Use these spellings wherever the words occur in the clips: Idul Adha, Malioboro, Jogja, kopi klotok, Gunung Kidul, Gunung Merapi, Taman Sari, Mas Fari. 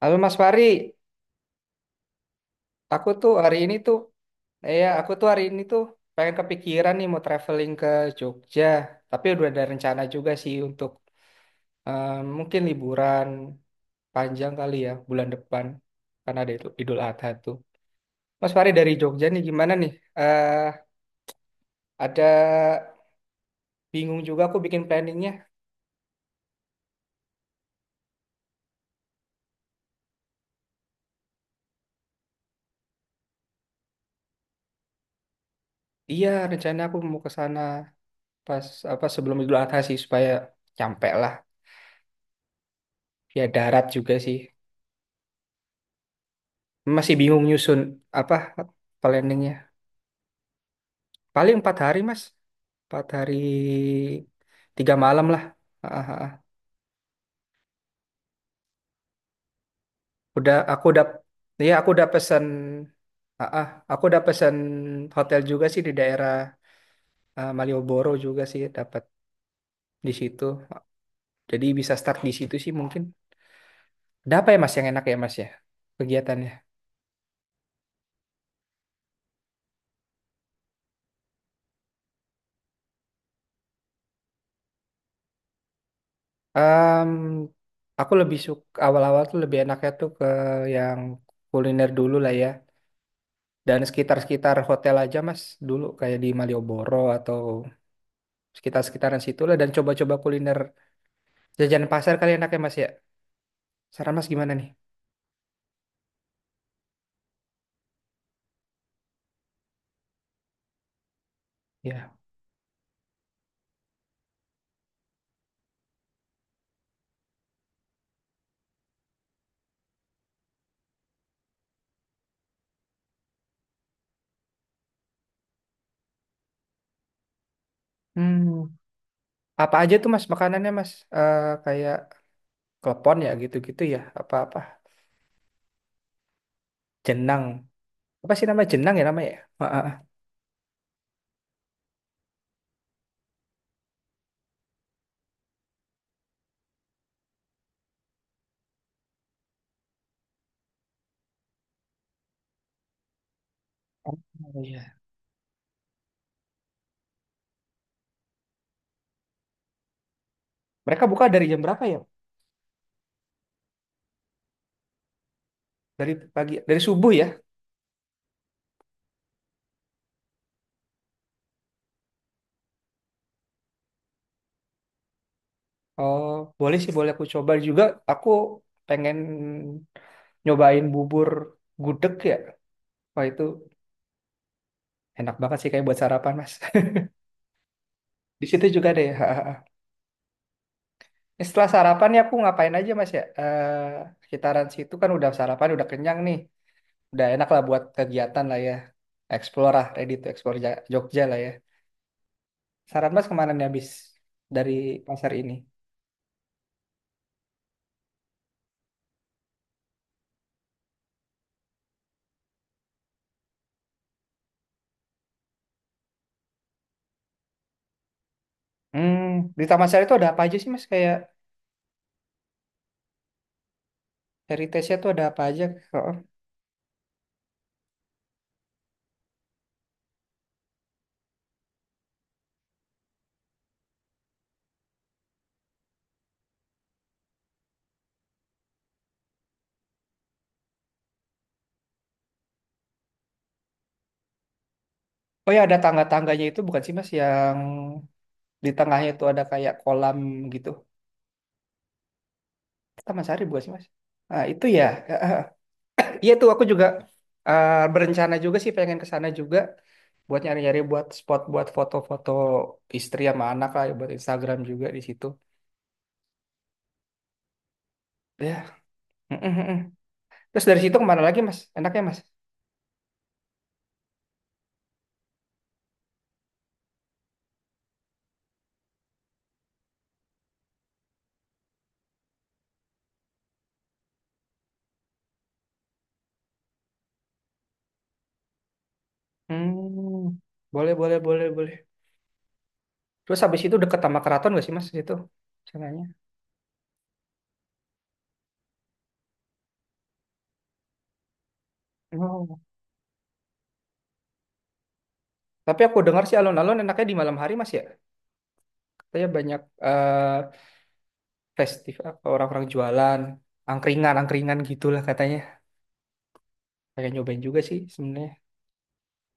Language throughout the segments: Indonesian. Halo Mas Fari, aku tuh hari ini tuh, aku tuh hari ini tuh pengen kepikiran nih mau traveling ke Jogja, tapi udah ada rencana juga sih untuk eh, mungkin liburan panjang kali ya bulan depan karena ada itu Idul Adha tuh. Mas Fari dari Jogja nih gimana nih? Eh ada bingung juga aku bikin planningnya. Iya rencana aku mau ke sana pas apa sebelum Idul Adha sih supaya nyampe lah. Ya darat juga sih. Masih bingung nyusun apa planningnya. Paling empat hari, Mas. Empat hari, tiga malam lah. Ah, ah, ah. Udah, aku udah pesen, ah, ah. aku udah pesen hotel juga sih di daerah Malioboro juga sih dapat di situ. Jadi bisa start di situ sih mungkin. Ada apa ya Mas yang enak ya Mas ya kegiatannya? Em, aku lebih suka awal-awal tuh lebih enaknya tuh ke yang kuliner dulu lah ya. Dan sekitar-sekitar hotel aja Mas dulu kayak di Malioboro atau sekitar-sekitaran situ lah dan coba-coba kuliner jajanan pasar kali enaknya mas ya saran mas gimana nih ya. Hmm, apa aja tuh mas makanannya mas? Kayak klepon ya gitu-gitu ya apa-apa jenang, apa sih nama jenang ya namanya ya? Ah. Oh, iya. Mereka buka dari jam berapa ya, dari pagi dari subuh ya? Oh, boleh sih, boleh, aku coba juga. Aku pengen nyobain bubur gudeg ya, wah itu enak banget sih kayak buat sarapan mas. Di situ juga ada ya. Ini setelah sarapan nih aku ngapain aja Mas ya? Sekitaran situ kan udah sarapan, udah kenyang nih. Udah enak lah buat kegiatan lah ya. Explore lah, ready to explore Jogja lah ya. Saran Mas kemana nih habis dari pasar ini? Hmm, di Taman Sari itu ada apa aja sih Mas? Kayak heritage-nya tuh ada apa aja? Oh, oh ya, ada tangga-tangganya itu bukan sih Mas yang di tengahnya itu ada kayak kolam gitu. Taman Sari bukan sih Mas? Nah itu ya. Iya tuh aku juga berencana juga sih pengen ke sana juga buat nyari-nyari buat spot buat foto-foto istri sama anak lah buat Instagram juga di situ. Ya, mm, mm, mm. Terus dari situ kemana lagi Mas? Enaknya Mas? Hmm. Boleh, boleh, boleh, boleh. Terus habis itu deket sama keraton gak sih Mas itu? Sananya. Oh. Tapi aku dengar sih alun-alun enaknya di malam hari Mas ya. Katanya banyak eh, festival orang-orang jualan, angkringan gitulah katanya. Pengen nyobain juga sih sebenarnya.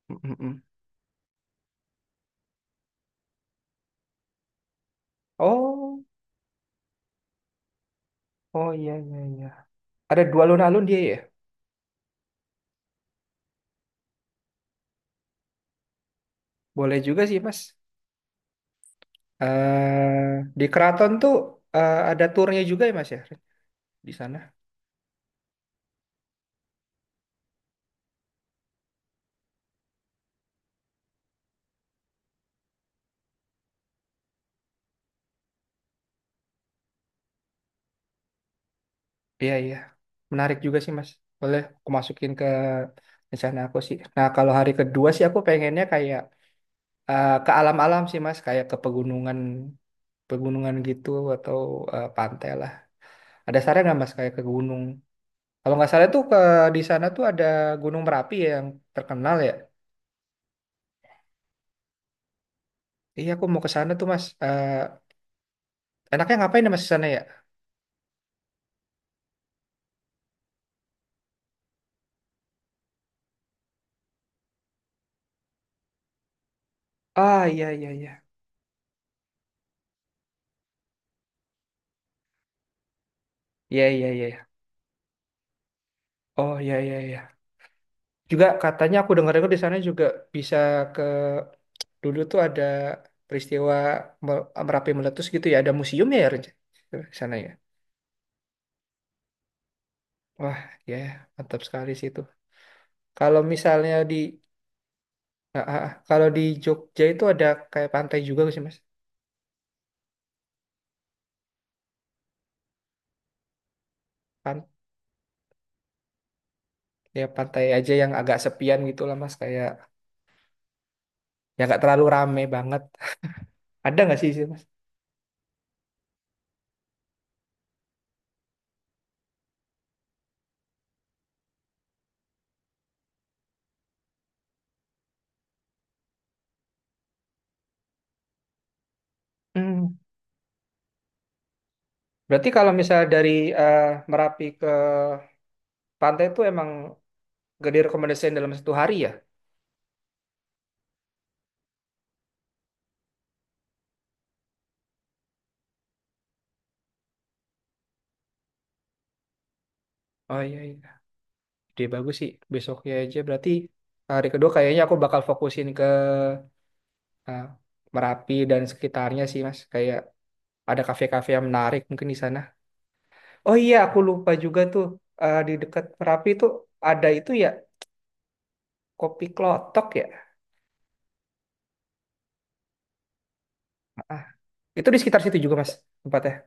Mm, mm, mm. Oh, oh iya, iya, iya. Ada dua alun-alun dia ya. Boleh juga sih Mas. eh di Keraton tuh ada turnya juga ya Mas ya di sana. Iya iya. Menarik juga sih Mas. Boleh aku masukin ke rencana aku sih. Nah kalau hari kedua sih aku pengennya kayak ke alam-alam sih Mas. Kayak ke pegunungan pegunungan gitu atau pantai lah. Ada saran nggak Mas kayak ke gunung? Kalau nggak salah tuh ke di sana tuh ada Gunung Merapi ya yang terkenal ya. Iya, aku mau ke sana tuh, Mas. Enaknya ngapain ya, Mas, ke sana ya? Ah, iya, iya, iya. Iya, iya, iya, iya. Oh, iya, iya, iya. Juga katanya aku dengar-dengar di sana juga bisa ke... Dulu tuh ada peristiwa Merapi meletus gitu ya. Ada museum ya, Ren? Di sana ya. Wah, ya, mantap sekali sih itu. Kalau misalnya di... ah. Kalau di Jogja itu ada kayak pantai juga nggak sih, Mas? Pan Ya, pantai aja yang agak sepian gitu lah, Mas. Kayak... ya nggak terlalu rame banget. Ada nggak sih, Mas? Hmm. Berarti kalau misalnya dari eh, Merapi ke pantai itu emang gak direkomendasikan dalam satu hari ya? Oh iya iya, dia bagus sih. Besoknya aja berarti hari kedua kayaknya aku bakal fokusin ke eh, Merapi dan sekitarnya sih Mas. Kayak ada kafe-kafe yang menarik mungkin di sana. Oh iya, aku lupa juga tuh, di dekat Merapi itu ada itu ya, kopi klotok ya. Ah, itu di sekitar situ juga Mas tempatnya.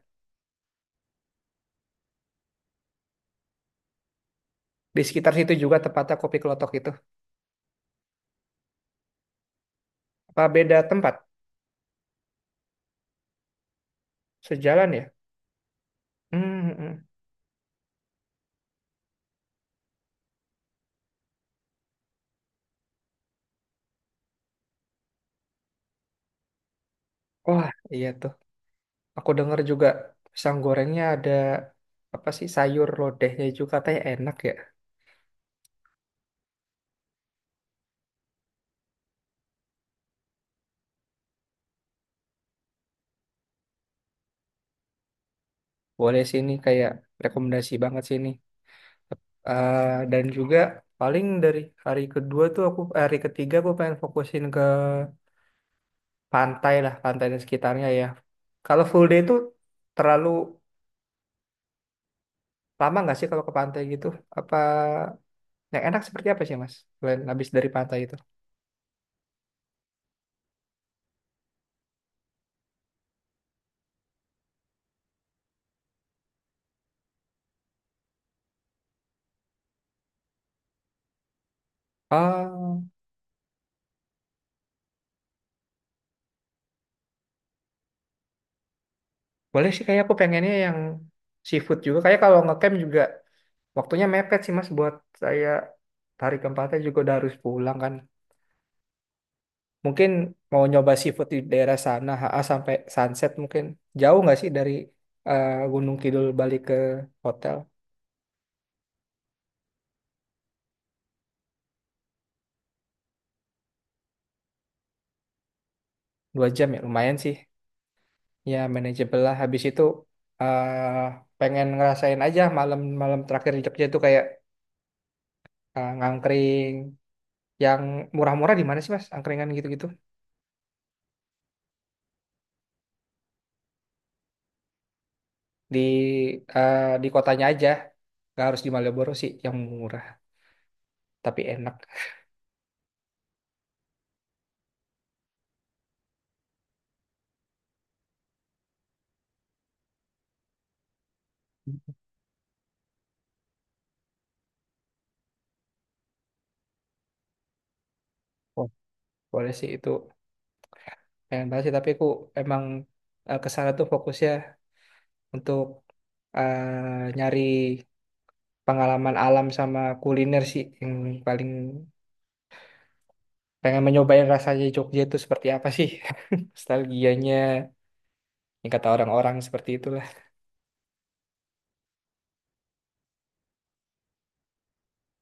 Di sekitar situ juga tempatnya kopi klotok itu. Apa beda tempat? Sejalan ya? Hmm, hmm, hmm. Wah, iya tuh. Aku dengar juga pisang gorengnya ada apa sih, sayur lodehnya juga katanya enak ya. Boleh sini kayak rekomendasi banget sini. Dan juga paling dari hari kedua tuh aku hari ketiga aku pengen fokusin ke pantai lah, pantai dan sekitarnya ya. Kalau full day itu terlalu lama nggak sih kalau ke pantai gitu? Apa yang enak seperti apa sih Mas? Selain habis dari pantai itu? Oh, boleh sih kayak aku pengennya yang seafood juga. Kayak kalau ngecamp juga waktunya mepet sih Mas buat saya, hari keempatnya juga udah harus pulang kan. Mungkin mau nyoba seafood di daerah sana HA sampai sunset mungkin. Jauh nggak sih dari Gunung Kidul balik ke hotel? Dua jam ya lumayan sih. Ya manageable lah. Habis itu eh pengen ngerasain aja malam-malam terakhir di Jogja itu kayak ngangkring yang murah-murah di mana sih Mas? Angkringan gitu-gitu. Di di kotanya aja. Gak harus di Malioboro sih yang murah tapi enak. Boleh sih itu, pengen banget sih, tapi aku emang ke sana tuh fokusnya untuk nyari pengalaman alam sama kuliner sih yang paling pengen mencobain rasanya Jogja itu seperti apa sih. Nostalgianya yang kata orang-orang seperti itulah.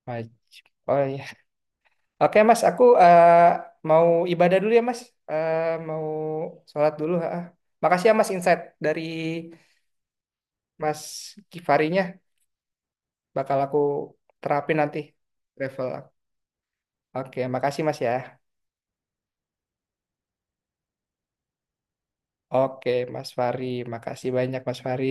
Wajib. Oh iya, oke Mas, aku mau ibadah dulu ya Mas. Mau sholat dulu ha. Makasih ya Mas, insight dari Mas Kifarinya bakal aku terapin nanti travel. Oke, makasih Mas ya. Oke, Mas Fari. Makasih banyak Mas Fari.